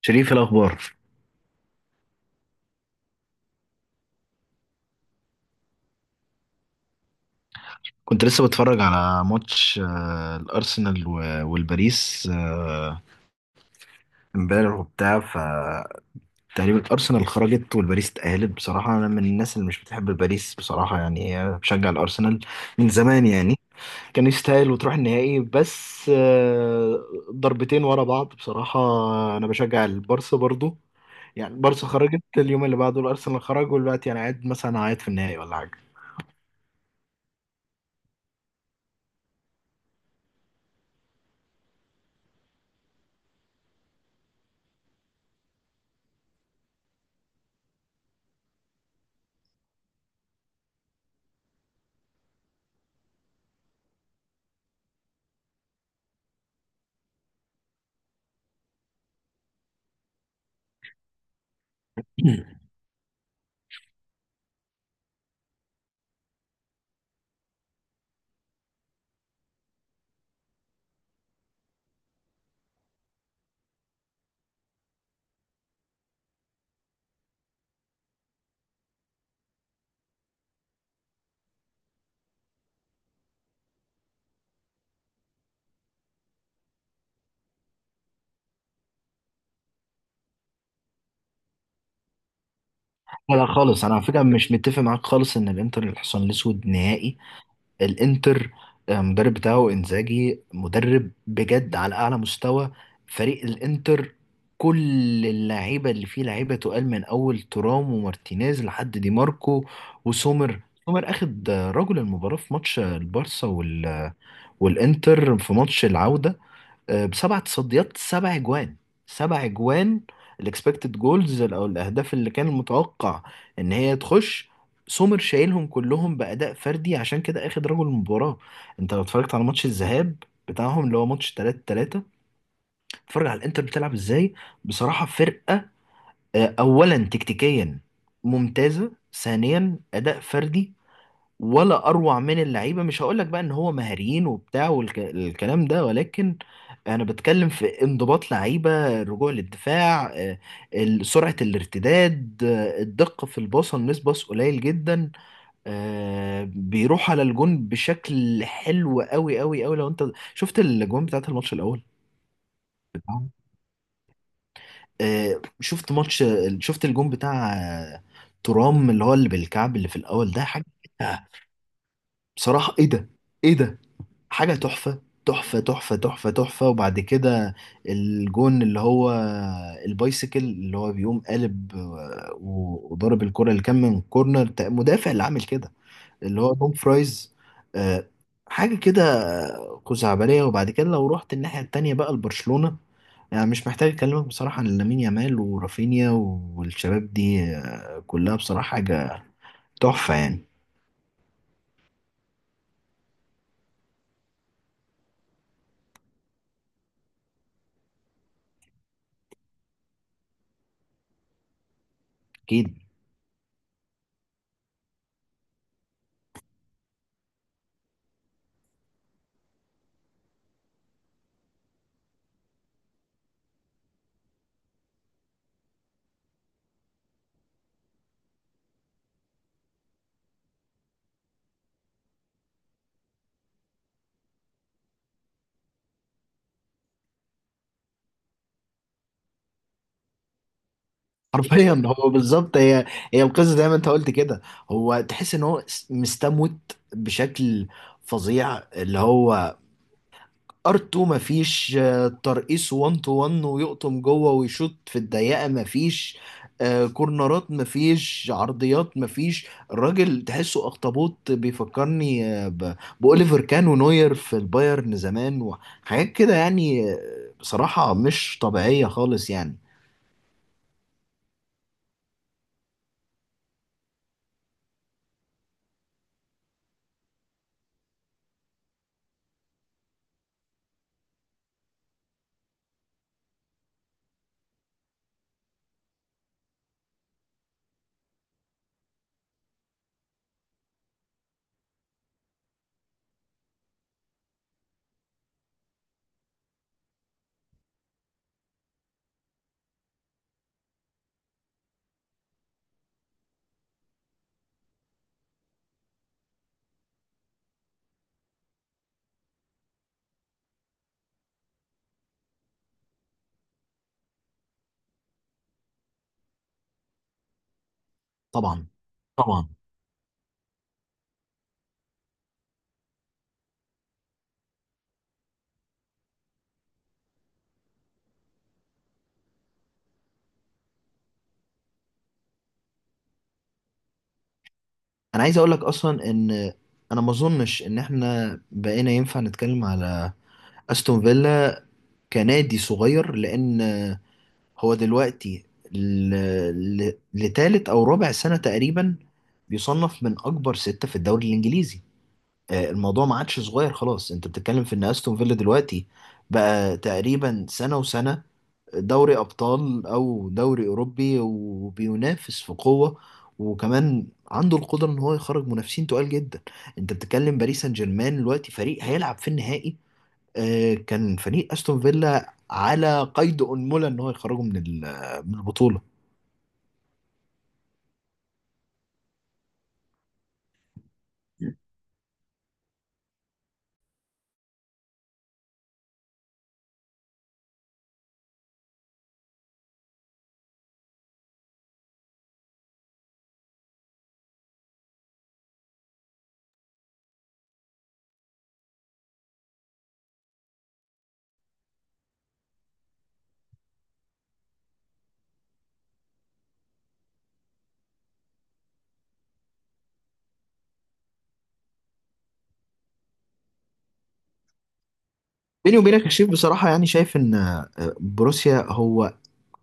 شريف، إيه الأخبار؟ كنت لسه بتفرج على ماتش، الأرسنال والباريس، امبارح وبتاع فتقريبا الأرسنال خرجت والباريس اتأهلت. بصراحة أنا من الناس اللي مش بتحب الباريس، بصراحة يعني، بشجع الأرسنال من زمان يعني. كان يستاهل وتروح النهائي، بس، ضربتين ورا بعض. بصراحة أنا بشجع البارسا برضو، يعني البارسا خرجت، اليوم اللي بعده الأرسنال خرج، ودلوقتي أنا قاعد مثلا قاعد في النهائي ولا حاجة. لا لا خالص، انا على فكره مش متفق معاك خالص ان الانتر الحصان الاسود نهائي. الانتر، المدرب بتاعه انزاجي مدرب بجد على اعلى مستوى. فريق الانتر، كل اللعيبه اللي فيه لعيبه تقال، من اول ترام ومارتينيز لحد دي ماركو وسومر. سومر اخد رجل المباراه في ماتش البارسا وال... والانتر في ماتش العوده، بسبع تصديات، سبع اجوان، سبع اجوان، الاكسبكتد جولز، او الاهداف اللي كان متوقع ان هي تخش. سومر شايلهم كلهم باداء فردي، عشان كده اخد رجل المباراه. انت لو اتفرجت على ماتش الذهاب بتاعهم اللي هو ماتش 3 3، اتفرج على الانتر بتلعب ازاي. بصراحه فرقه، اولا تكتيكيا ممتازه، ثانيا اداء فردي ولا اروع من اللعيبه. مش هقول لك بقى ان هو مهاريين وبتاع والكلام ده، ولكن انا بتكلم في انضباط لعيبه، الرجوع للدفاع، سرعه الارتداد، الدقه في الباصه، مس باص قليل جدا، بيروح على الجون بشكل حلو قوي قوي قوي. لو انت شفت الجون بتاعت الماتش الاول بتاعهم، شفت ماتش، شفت الجون بتاع ترام اللي هو اللي بالكعب اللي في الاول، ده حاجه. آه، بصراحه، ايه ده؟ ايه ده؟ حاجة تحفة تحفة تحفة تحفة تحفة. وبعد كده الجون اللي هو البايسيكل اللي هو بيقوم قالب، وضرب الكرة اللي كان من كورنر، مدافع اللي عامل كده، اللي هو دوم فرايز، آه، حاجة كده، خزعبلية. وبعد كده لو رحت الناحية التانية بقى لبرشلونة، يعني مش محتاج أكلمك بصراحة عن لامين يامال ورافينيا والشباب دي، كلها بصراحة حاجة تحفة يعني. أكيد. حرفيا هو بالظبط. هي القصه زي ما انت قلت كده. هو تحس ان هو مستموت بشكل فظيع، اللي هو ار2، مفيش ترقيص 1 تو 1 ويقطم جوه ويشوط في الضيقه، مفيش كورنرات، مفيش عرضيات، مفيش. الراجل تحسه اخطبوط، بيفكرني، بأوليفر كان ونوير في البايرن زمان وحاجات كده يعني. بصراحه مش طبيعيه خالص يعني. طبعا. طبعا. انا عايز اقول لك اصلا ان انا ما اظنش ان احنا بقينا ينفع نتكلم على استون فيلا كنادي صغير، لان هو دلوقتي لتالت او رابع سنة تقريبا بيصنف من اكبر ستة في الدوري الانجليزي. الموضوع ما عادش صغير خلاص. انت بتتكلم في ان استون فيلا دلوقتي بقى تقريبا سنة وسنة دوري أبطال أو دوري أوروبي، وبينافس في قوة، وكمان عنده القدرة إن هو يخرج منافسين تقال جدا. أنت بتتكلم باريس سان جيرمان دلوقتي فريق هيلعب في النهائي. كان فريق أستون فيلا على قيد أنملة إن هو يخرجه من من البطولة. بيني وبينك يا شريف، بصراحة يعني شايف إن بروسيا هو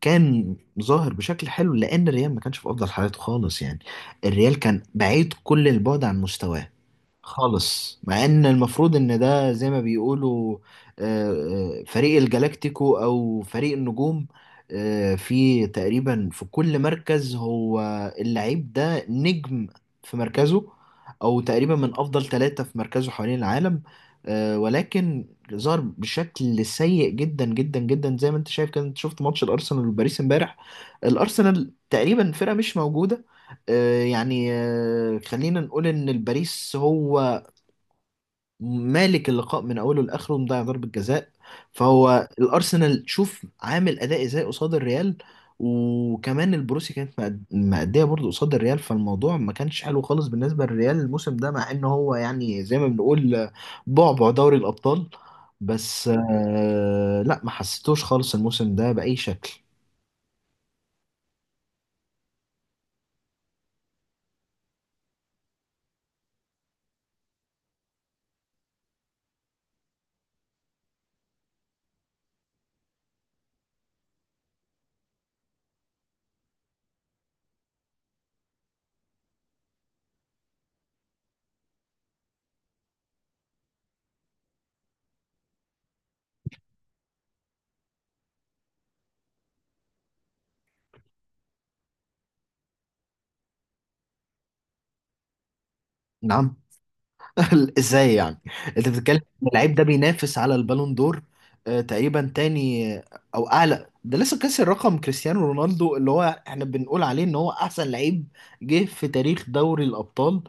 كان ظاهر بشكل حلو، لأن الريال ما كانش في أفضل حالاته خالص يعني، الريال كان بعيد كل البعد عن مستواه خالص. مع ان المفروض ان ده زي ما بيقولوا آه، فريق الجلاكتيكو او فريق النجوم، في تقريبا في كل مركز هو اللعيب ده نجم في مركزه، او تقريبا من افضل ثلاثة في مركزه حوالين العالم، ولكن ظهر بشكل سيء جدا جدا جدا زي ما انت شايف كده. انت شفت ماتش الارسنال وباريس امبارح، الارسنال تقريبا فرقة مش موجودة، يعني، خلينا نقول ان الباريس هو مالك اللقاء من اوله لاخره، ومضيع ضربه جزاء. فهو الارسنال شوف عامل اداء ازاي قصاد الريال، وكمان البروسي كانت مأدية برضه قصاد الريال، فالموضوع ما كانش حلو خالص بالنسبة للريال الموسم ده، مع ان هو يعني زي ما بنقول بعبع دوري الأبطال. بس آه لا، ما حسيتوش خالص الموسم ده بأي شكل. نعم. ازاي يعني؟ انت بتتكلم ان اللعيب ده بينافس على البالون دور، تقريبا تاني، او اعلى. ده لسه كسر رقم كريستيانو رونالدو، اللي هو احنا بنقول عليه ان هو احسن لعيب جه في تاريخ دوري الابطال.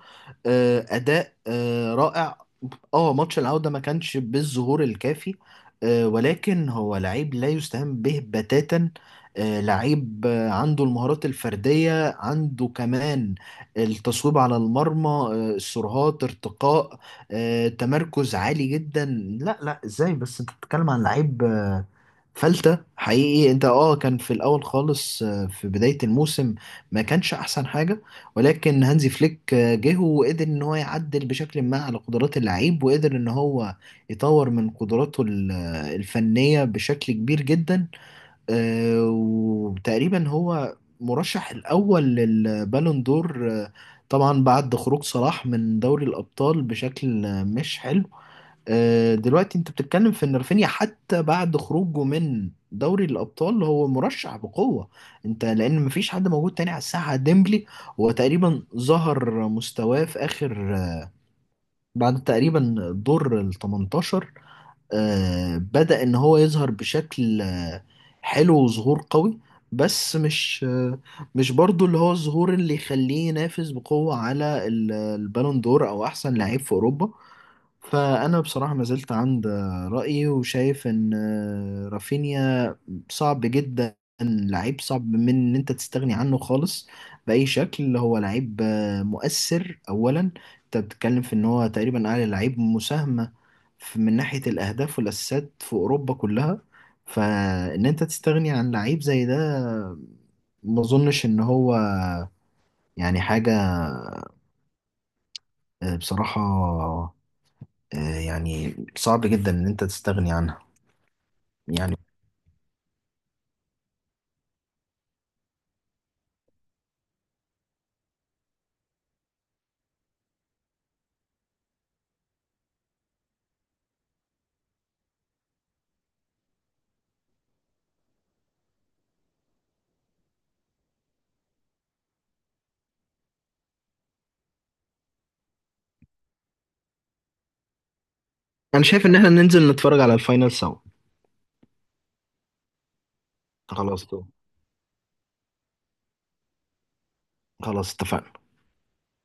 اداء رائع. اه ماتش العودة ما كانش بالظهور الكافي، ولكن هو لعيب لا يستهان به بتاتا. لعيب، عنده المهارات الفردية، عنده كمان التصويب على المرمى، السرعات، ارتقاء، تمركز عالي جدا. لا لا، ازاي بس؟ انت بتتكلم عن لعيب فلتة حقيقي. انت اه، كان في الاول خالص، في بداية الموسم ما كانش احسن حاجة، ولكن هانزي فليك جه وقدر ان هو يعدل بشكل ما على قدرات اللعيب، وقدر ان هو يطور من قدراته الفنية بشكل كبير جدا. وتقريبا هو مرشح الأول للبالون دور، طبعا بعد خروج صلاح من دوري الأبطال بشكل مش حلو. دلوقتي انت بتتكلم في ان رافينيا حتى بعد خروجه من دوري الأبطال هو مرشح بقوة، انت، لأن مفيش حد موجود تاني على الساحة. ديمبلي هو تقريبا ظهر مستواه في آخر، بعد تقريبا دور ال 18، بدأ إن هو يظهر بشكل حلو وظهور قوي، بس مش، مش برضو اللي هو الظهور اللي يخليه ينافس بقوة على البالون دور أو أحسن لعيب في أوروبا. فأنا بصراحة ما زلت عند رأيي، وشايف إن رافينيا صعب جدا. لعيب صعب من ان انت تستغني عنه خالص بأي شكل. هو لعيب مؤثر. اولا انت بتتكلم في ان هو تقريبا اعلى لعيب مساهمة من ناحية الاهداف والاسيستات في اوروبا كلها. فان انت تستغني عن لعيب زي ده ما اظنش ان هو يعني حاجة، بصراحة، يعني صعب جدا ان انت تستغني عنها يعني. انا شايف ان احنا ننزل نتفرج على الفاينل سوا. خلاص. خلاص اتفقنا.